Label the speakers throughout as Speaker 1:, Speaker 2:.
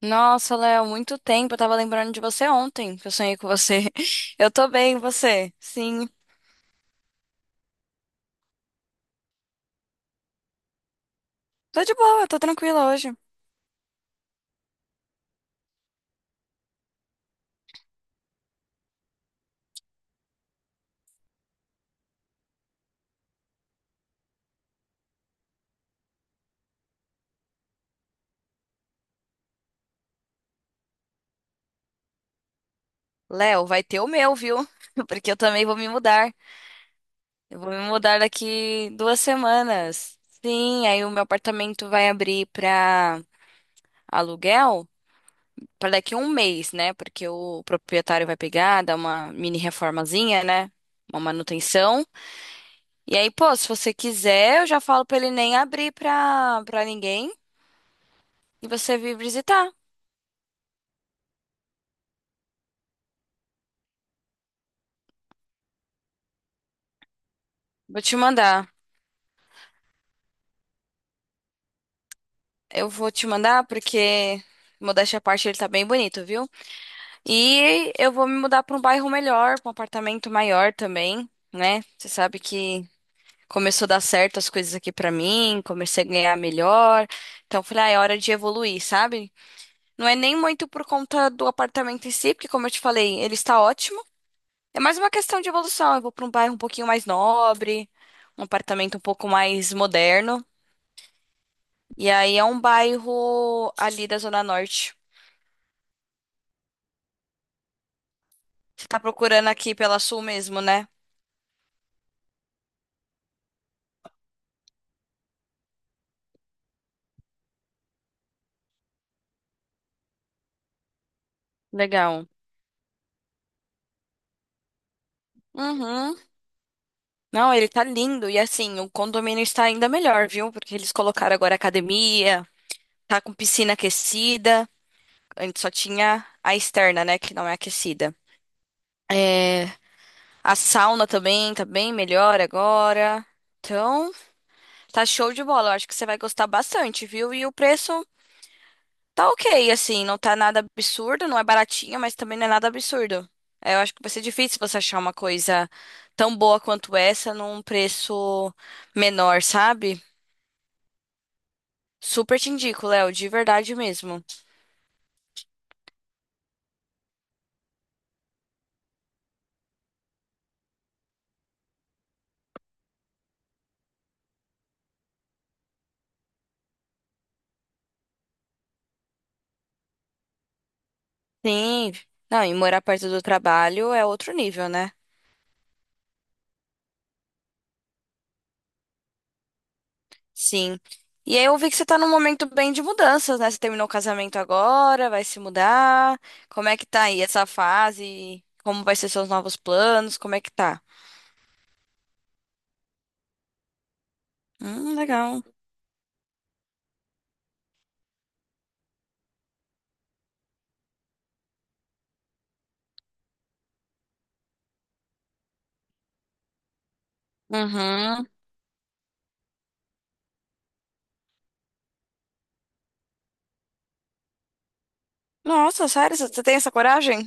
Speaker 1: Nossa, Léo, muito tempo. Eu tava lembrando de você ontem, que eu sonhei com você. Eu tô bem, e você? Sim. Tô de boa, tô tranquila hoje. Léo, vai ter o meu, viu? Porque eu também vou me mudar. Eu vou me mudar daqui duas semanas. Sim, aí o meu apartamento vai abrir pra aluguel pra daqui um mês, né? Porque o proprietário vai pegar, dar uma mini reformazinha, né? Uma manutenção. E aí, pô, se você quiser, eu já falo pra ele nem abrir pra, ninguém. E você vir visitar. Vou te mandar. Eu vou te mandar porque, modéstia à parte, ele tá bem bonito, viu? E eu vou me mudar pra um bairro melhor, pra um apartamento maior também, né? Você sabe que começou a dar certo as coisas aqui pra mim, comecei a ganhar melhor. Então, eu falei, ah, é hora de evoluir, sabe? Não é nem muito por conta do apartamento em si, porque, como eu te falei, ele está ótimo. É mais uma questão de evolução. Eu vou pra um bairro um pouquinho mais nobre, um apartamento um pouco mais moderno. E aí é um bairro ali da Zona Norte. Você tá procurando aqui pela Sul mesmo, né? Legal. Uhum. Não, ele tá lindo. E assim, o condomínio está ainda melhor, viu? Porque eles colocaram agora academia, tá com piscina aquecida. Antes só tinha a externa, né? Que não é aquecida. É, a sauna também tá bem melhor agora. Então, tá show de bola. Eu acho que você vai gostar bastante, viu? E o preço tá ok, assim, não tá nada absurdo, não é baratinho, mas também não é nada absurdo. É, eu acho que vai ser difícil você achar uma coisa tão boa quanto essa num preço menor, sabe? Super te indico, Léo, de verdade mesmo. Sim. Não, e morar perto do trabalho é outro nível, né? Sim. E aí eu vi que você tá num momento bem de mudanças, né? Você terminou o casamento agora, vai se mudar. Como é que tá aí essa fase? Como vai ser seus novos planos? Como é que tá? Legal. Uhum. Nossa, sério? Você tem essa coragem?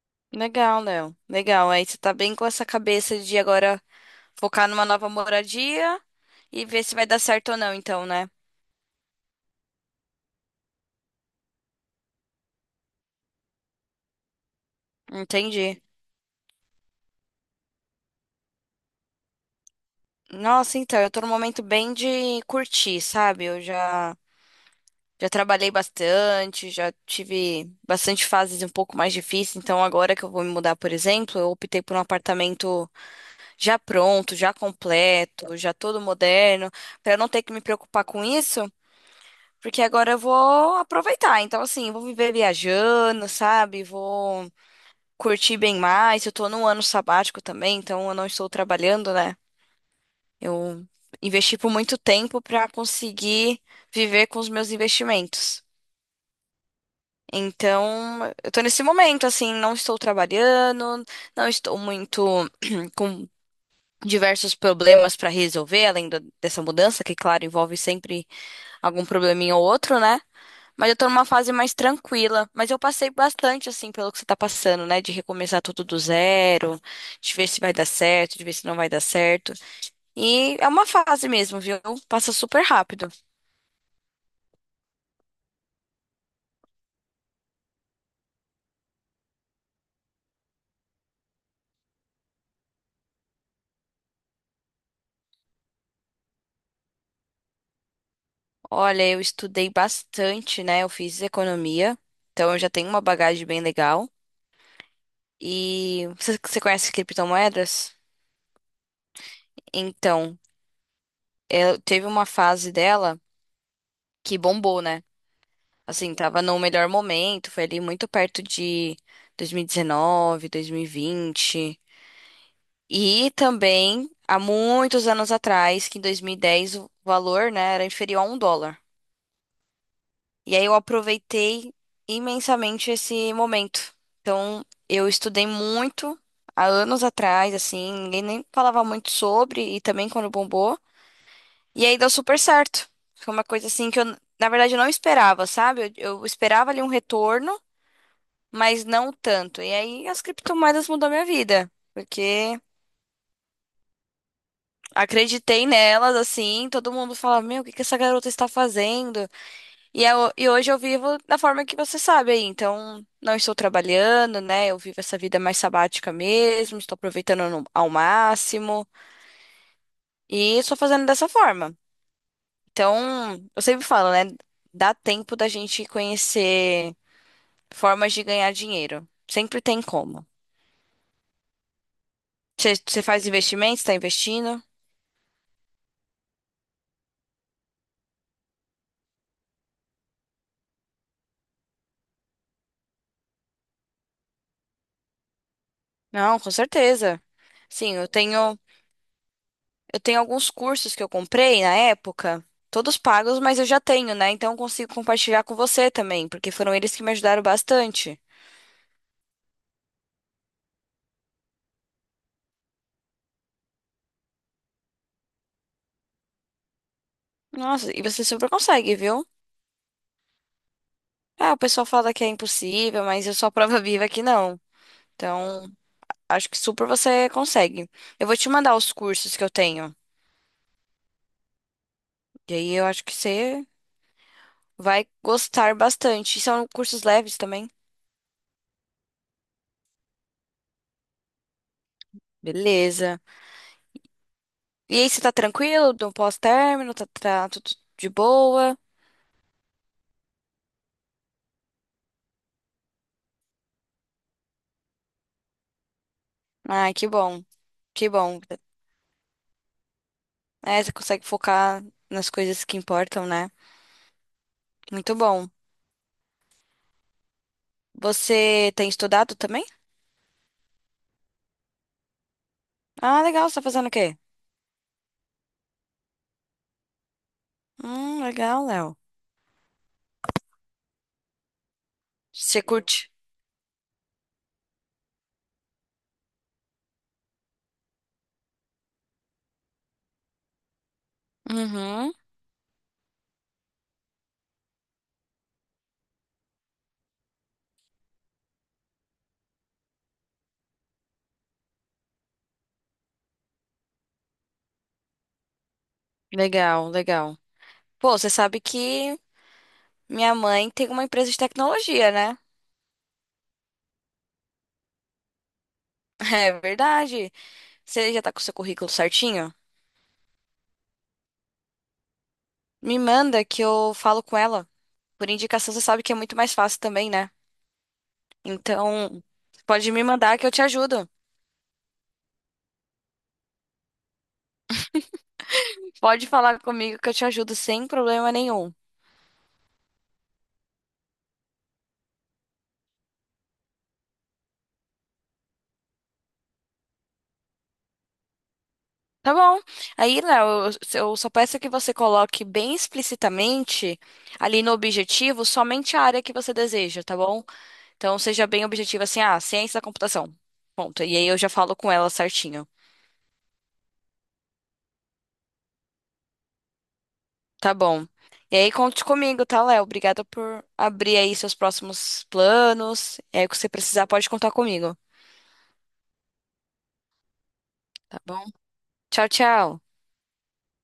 Speaker 1: Legal, Léo. Legal. Aí você tá bem com essa cabeça de agora focar numa nova moradia e ver se vai dar certo ou não, então, né? Entendi. Nossa, então, eu tô num momento bem de curtir, sabe? Eu já trabalhei bastante, já tive bastante fases um pouco mais difíceis, então agora que eu vou me mudar, por exemplo, eu optei por um apartamento já pronto, já completo, já todo moderno, pra eu não ter que me preocupar com isso. Porque agora eu vou aproveitar. Então, assim, eu vou viver viajando, sabe? Vou curtir bem mais. Eu tô num ano sabático também, então eu não estou trabalhando, né? Eu investi por muito tempo pra conseguir viver com os meus investimentos. Então, eu tô nesse momento, assim, não estou trabalhando, não estou muito com diversos problemas pra resolver, além dessa mudança, que, claro, envolve sempre algum probleminha ou outro, né? Mas eu tô numa fase mais tranquila. Mas eu passei bastante, assim, pelo que você tá passando, né? De recomeçar tudo do zero, de ver se vai dar certo, de ver se não vai dar certo. E é uma fase mesmo, viu? Passa super rápido. Olha, eu estudei bastante, né? Eu fiz economia, então eu já tenho uma bagagem bem legal. E você conhece criptomoedas? Então, eu, teve uma fase dela que bombou, né? Assim, tava no melhor momento, foi ali muito perto de 2019, 2020. E dezenove, dois mil e vinte. E também, há muitos anos atrás, que em 2010 o valor, né, era inferior a um dólar. E aí eu aproveitei imensamente esse momento. Então, eu estudei muito há anos atrás, assim, ninguém nem falava muito sobre, e também quando bombou. E aí deu super certo. Foi uma coisa assim que eu, na verdade, eu não esperava, sabe? Eu esperava ali um retorno, mas não tanto. E aí as criptomoedas mudou minha vida, porque acreditei nelas, assim, todo mundo fala, meu, o que que essa garota está fazendo? E, e hoje eu vivo da forma que você sabe aí, então não estou trabalhando, né? Eu vivo essa vida mais sabática mesmo, estou aproveitando ao máximo e estou fazendo dessa forma. Então, eu sempre falo, né? Dá tempo da gente conhecer formas de ganhar dinheiro. Sempre tem como. Você faz investimentos, está investindo? Não, com certeza. Sim, eu tenho alguns cursos que eu comprei na época, todos pagos, mas eu já tenho, né? Então eu consigo compartilhar com você também, porque foram eles que me ajudaram bastante. Nossa, e você super consegue, viu? Ah, o pessoal fala que é impossível, mas eu sou a prova viva que não. Então, acho que super você consegue. Eu vou te mandar os cursos que eu tenho. E aí eu acho que você vai gostar bastante. E são cursos leves também. Beleza. E aí, você tá tranquilo do pós-término? Tá, tá tudo de boa? Ai, que bom. Que bom. É, você consegue focar nas coisas que importam, né? Muito bom. Você tem estudado também? Ah, legal. Você tá fazendo o quê? Legal, Léo. Você curte? Uhum. Legal, legal. Pô, você sabe que minha mãe tem uma empresa de tecnologia, né? É verdade. Você já tá com o seu currículo certinho? Me manda que eu falo com ela. Por indicação, você sabe que é muito mais fácil também, né? Então, pode me mandar que eu te ajudo. Pode falar comigo que eu te ajudo sem problema nenhum. Tá bom. Aí, Léo, eu só peço que você coloque bem explicitamente ali no objetivo somente a área que você deseja, tá bom? Então, seja bem objetivo assim, ah, ciência da computação. Ponto. E aí eu já falo com ela certinho. Tá bom. E aí, conte comigo, tá, Léo? Obrigada por abrir aí seus próximos planos. É, o que você precisar, pode contar comigo. Tá bom? Tchau, tchau.